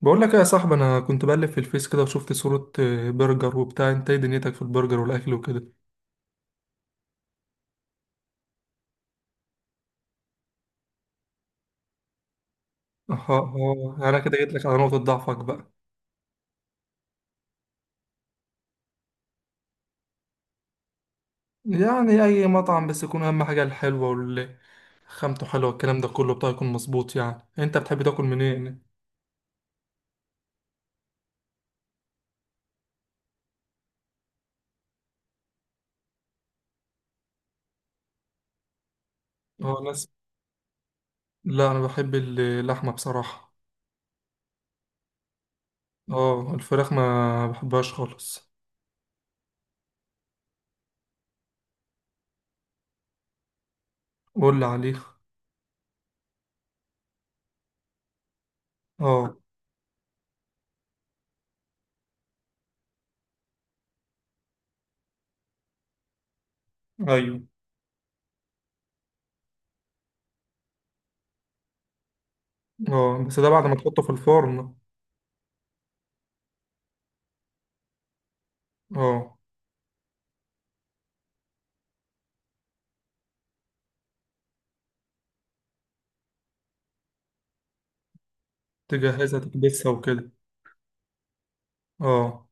بقول لك إيه يا صاحبي، انا كنت بقلب في الفيس كده وشفت صورة برجر وبتاع. انت ايه دنيتك في البرجر والاكل وكده؟ اه. اه، انا كده جيت لك على نقطة ضعفك بقى. يعني اي مطعم بس يكون اهم حاجة الحلوة وال خامته حلوة، الكلام ده كله بتاع يكون مظبوط. يعني انت بتحب تاكل منين؟ اه، ناس. لا، انا بحب اللحمة بصراحة. اه، الفراخ ما بحبهاش خالص. قول لي عليه. اه. ايوه. اه، بس ده بعد ما تحطه في الفرن. اه، تجهزها تكبسها وكده. اه،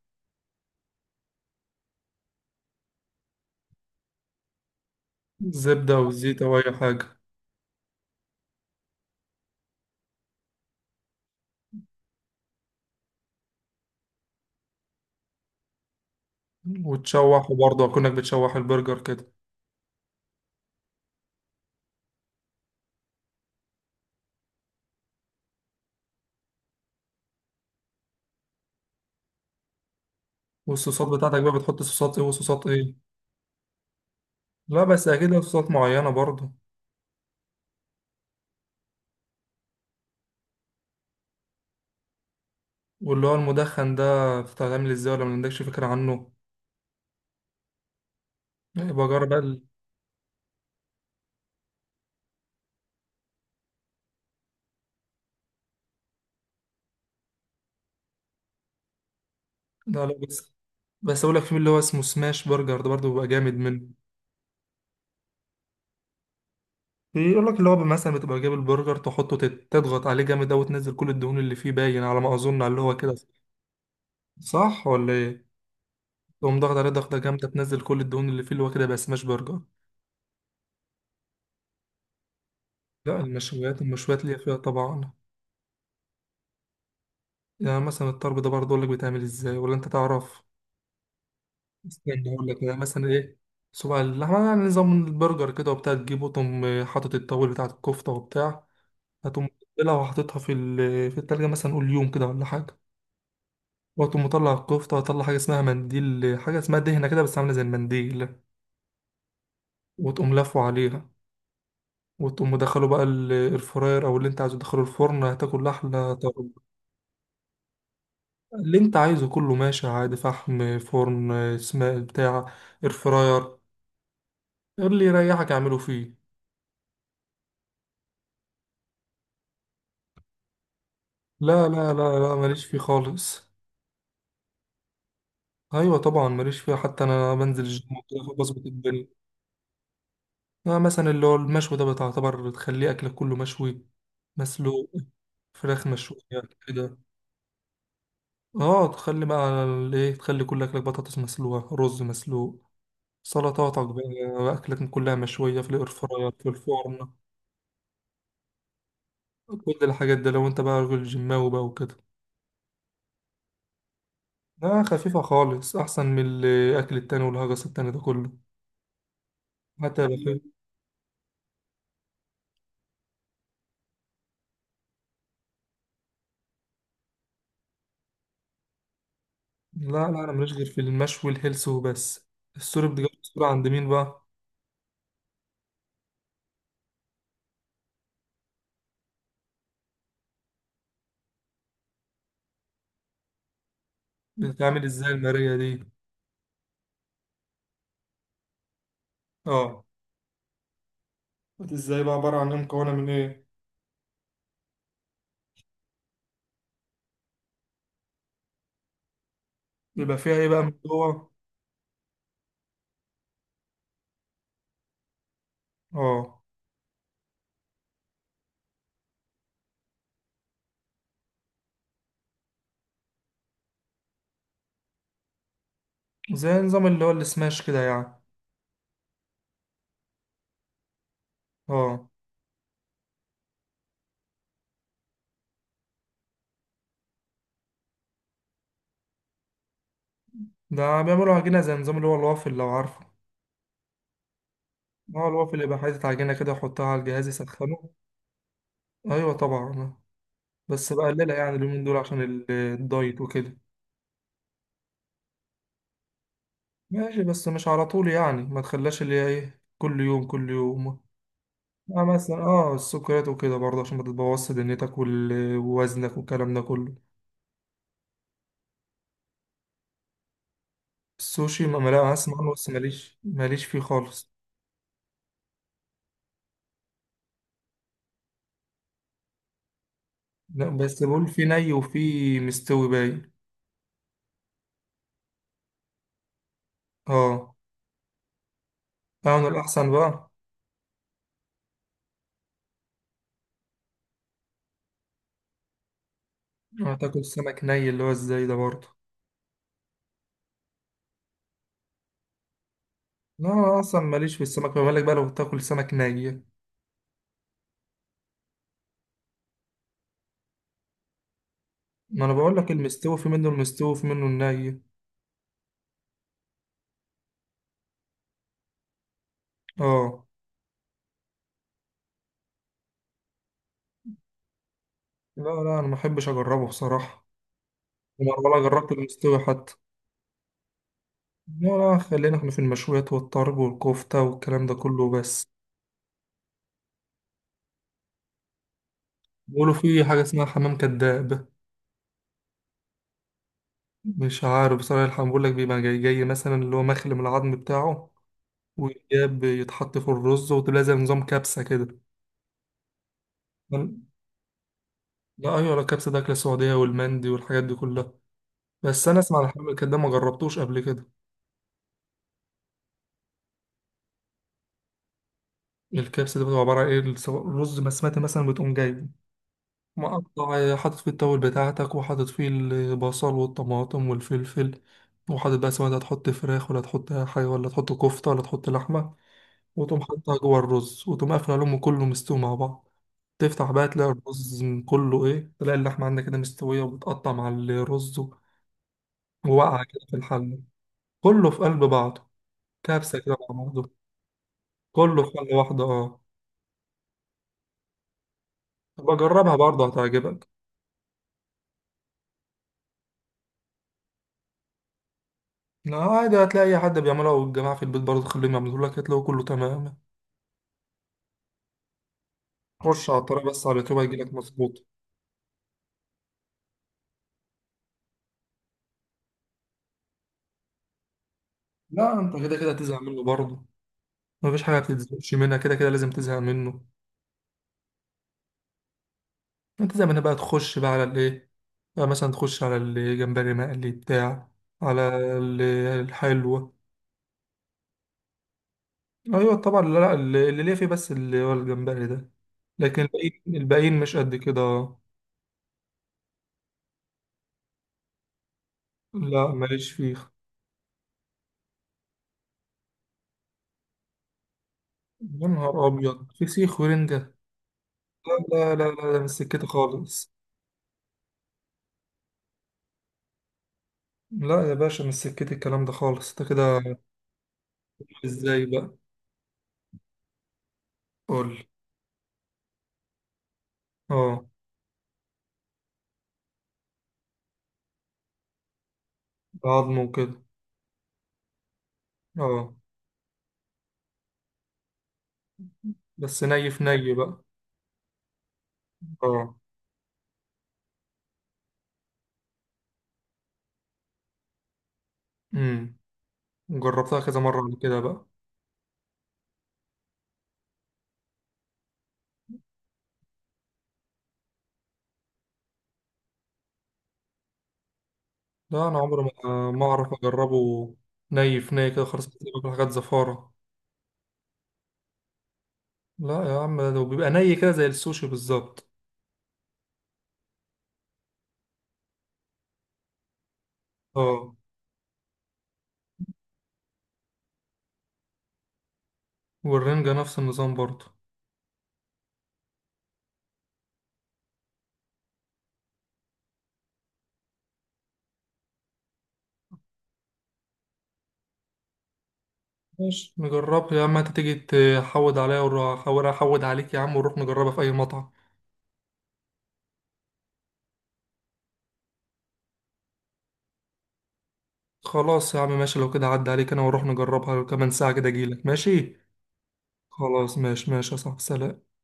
زبدة وزيت أو أي حاجة. وتشوح، وبرضه أكنك بتشوح البرجر كده. والصوصات بتاعتك بقى بتحط صوصات إيه وصوصات إيه؟ لا، بس أكيد لها صوصات معينة برضه. واللي هو المدخن ده بتتعمل إزاي ولا ما عندكش فكرة عنه؟ يبقى جرب بقى لا لا. بس أقول لك في اللي هو اسمه سماش برجر ده برضه بيبقى جامد منه. بيقول لك اللي هو مثلا بتبقى جايب البرجر تحطه، تضغط عليه جامد أوي وتنزل كل الدهون اللي فيه، باين على ما أظن على اللي هو كده. صح ولا إيه؟ تقوم ضغط عليه ضغطة جامدة، تنزل كل الدهون اللي فيه، اللي هو كده بقى سماش برجر. لا، المشويات المشويات اللي فيها طبعا. يعني مثلا الطرب ده برضه أقول لك بيتعمل إزاي ولا أنت تعرف؟ استنى أقول لك، يعني مثلا إيه. صباع اللحمة يعني نظام البرجر كده وبتاع تجيبه، تقوم حاطط الطاول بتاع الكفتة وبتاع. هتقوم مقللها وحاططها في التلاجة مثلا قول يوم كده ولا حاجة. وتقوم مطلع الكفتة وتطلع حاجة اسمها منديل، حاجة اسمها دهنة كده بس عاملة زي المنديل. وتقوم لافه عليها. وتقوم مدخله بقى الفراير أو اللي أنت عايزه تدخله الفرن، هتاكل أحلى طرب. اللي انت عايزه كله ماشي عادي، فحم، فرن، اسماء بتاع، اير فراير. اللي يريحك اعمله فيه. لا لا لا لا، ماليش فيه خالص. ايوه طبعا، ماليش فيه، حتى انا بنزل الجيم وكده بظبط الدنيا. يعني مثلا اللي هو المشوي ده بتعتبر تخليه اكلك كله مشوي، مسلوق، فراخ مشوية كده. اه، تخلي بقى الايه، تخلي كل اكلك بطاطس مسلوقة، رز مسلوق، سلطاتك بقى. اكلك كلها مشوية في الاير فراير، في الفرن. كل الحاجات ده لو انت بقى راجل جيماوي بقى وكده. لا، خفيفة خالص أحسن من الأكل التاني والهجس التاني ده كله. حتى لا لا، أنا ماليش غير في المشوي الهلس وبس. السوري بتجيب السوري عند مين بقى؟ بتتعمل إزاي المارية دي؟ اه. ازاي بقى؟ عبارة عن ايه؟ مكونة من ايه؟ بيبقى فيها ايه بقى من جوه؟ اه، زي نظام اللي هو السماش كده يعني. اه، ده بيعملوا عجينة زي نظام اللي هو الوافل لو عارفه. اه، الوافل يبقى حاطط عجينة كده يحطها على الجهاز يسخنه. أيوة طبعا. بس بقللها يعني اليومين دول عشان الدايت وكده. ماشي، بس مش على طول يعني ما تخليهاش اللي هي ايه كل يوم كل يوم. آه، مثلا السكريات وكده برضه عشان ما تبوظش دنيتك ووزنك والكلام ده كله. السوشي، ما، لا اسمع عنه بس ماليش فيه خالص. لا بس بقول في ني وفي مستوي باين. اه، انا الاحسن بقى. آه، تاكل سمك ني اللي هو ازاي ده برضه؟ لا، أنا اصلا ماليش في السمك، ما بالك بقى لو تاكل سمك ني. ما انا بقول لك المستوي في منه المستوي وفي منه الني. اه. لا لا، انا ما احبش اجربه بصراحه. ولا جربت المستوي حتى. لا لا، خلينا احنا في المشويات والطرب والكفته والكلام ده كله بس. بيقولوا في حاجه اسمها حمام كداب. مش عارف بصراحه، الحمام بيقول لك بيبقى جاي جاي مثلا اللي هو مخلي من العظم بتاعه. ويتجاب يتحط في الرز وتبقى زي نظام كبسه كده. لا ايوه لا، كبسه ده اكله سعوديه والمندي والحاجات دي كلها. بس انا اسمع عن الحمام الكداب، ما جربتوش قبل كده. الكبسه دي بتبقى عباره عن ايه. الرز بسمتي مثلا بتقوم جايبه، مقطع، حاطط فيه التاول بتاعتك وحاطط فيه البصل والطماطم والفلفل. وحاطط بقى سواء انت هتحط فراخ ولا تحط حاجة ولا تحط كفتة ولا تحط لحمة. وتقوم حاطها جوه الرز وتقوم قافل عليهم كله مستوي مع بعض. تفتح بقى تلاقي الرز كله ايه، تلاقي اللحمة عندك كده مستوية وبتقطع مع الرز. وواقعة كده في الحلة. كله في قلب بعضه. كبسة كده مع بعضه. كله في حلة واحدة اه. بجربها برضه هتعجبك. لا عادي، هتلاقي أي حد بيعملها، والجماعة في البيت برضه تخليهم يعملوا لك هتلاقوا كله تمام. خش على الطريق بس على اليوتيوب هيجيلك مظبوط. لا انت كده كده هتزهق منه برضه. مفيش حاجه بتتزهقش منها، كده كده لازم تزهق منه. انت زي ما انا بقى تخش بقى على الايه، بقى مثلا تخش على الجمبري مقلي بتاع، على ال- الحلوه. ايوه طبعا. لا لا، اللي ليه فيه بس اللي هو الجمبري ده. لكن الباقيين الباقيين مش قد كده. لا ماليش فيه. يا نهار ابيض، فسيخ ورنجه. لا لا لا لا، ده مش سكتي خالص. لا يا باشا، مش سكتي الكلام ده خالص انت كده. ازاي بقى؟ قول. اه، بعضمه وكده. اه، بس ني في ني بقى. اه. امم جربتها كذا مرة قبل كده بقى. لا، انا عمري ما اعرف اجربه. ني في ني كده خالص، كنت باكل حاجات زفارة. لا يا عم، ده بيبقى ني كده زي السوشي بالظبط. اه، والرنجة نفس النظام برضه. ماشي نجربها يا عم، انت تيجي تحود عليا واروح احاول احود عليك يا عم ونروح نجربها في اي مطعم. خلاص يا عم ماشي، لو كده عدى عليك انا واروح نجربها، كمان ساعة كده اجيلك ماشي. خلاص، ماشي ماشي يا صاحبي، سلام.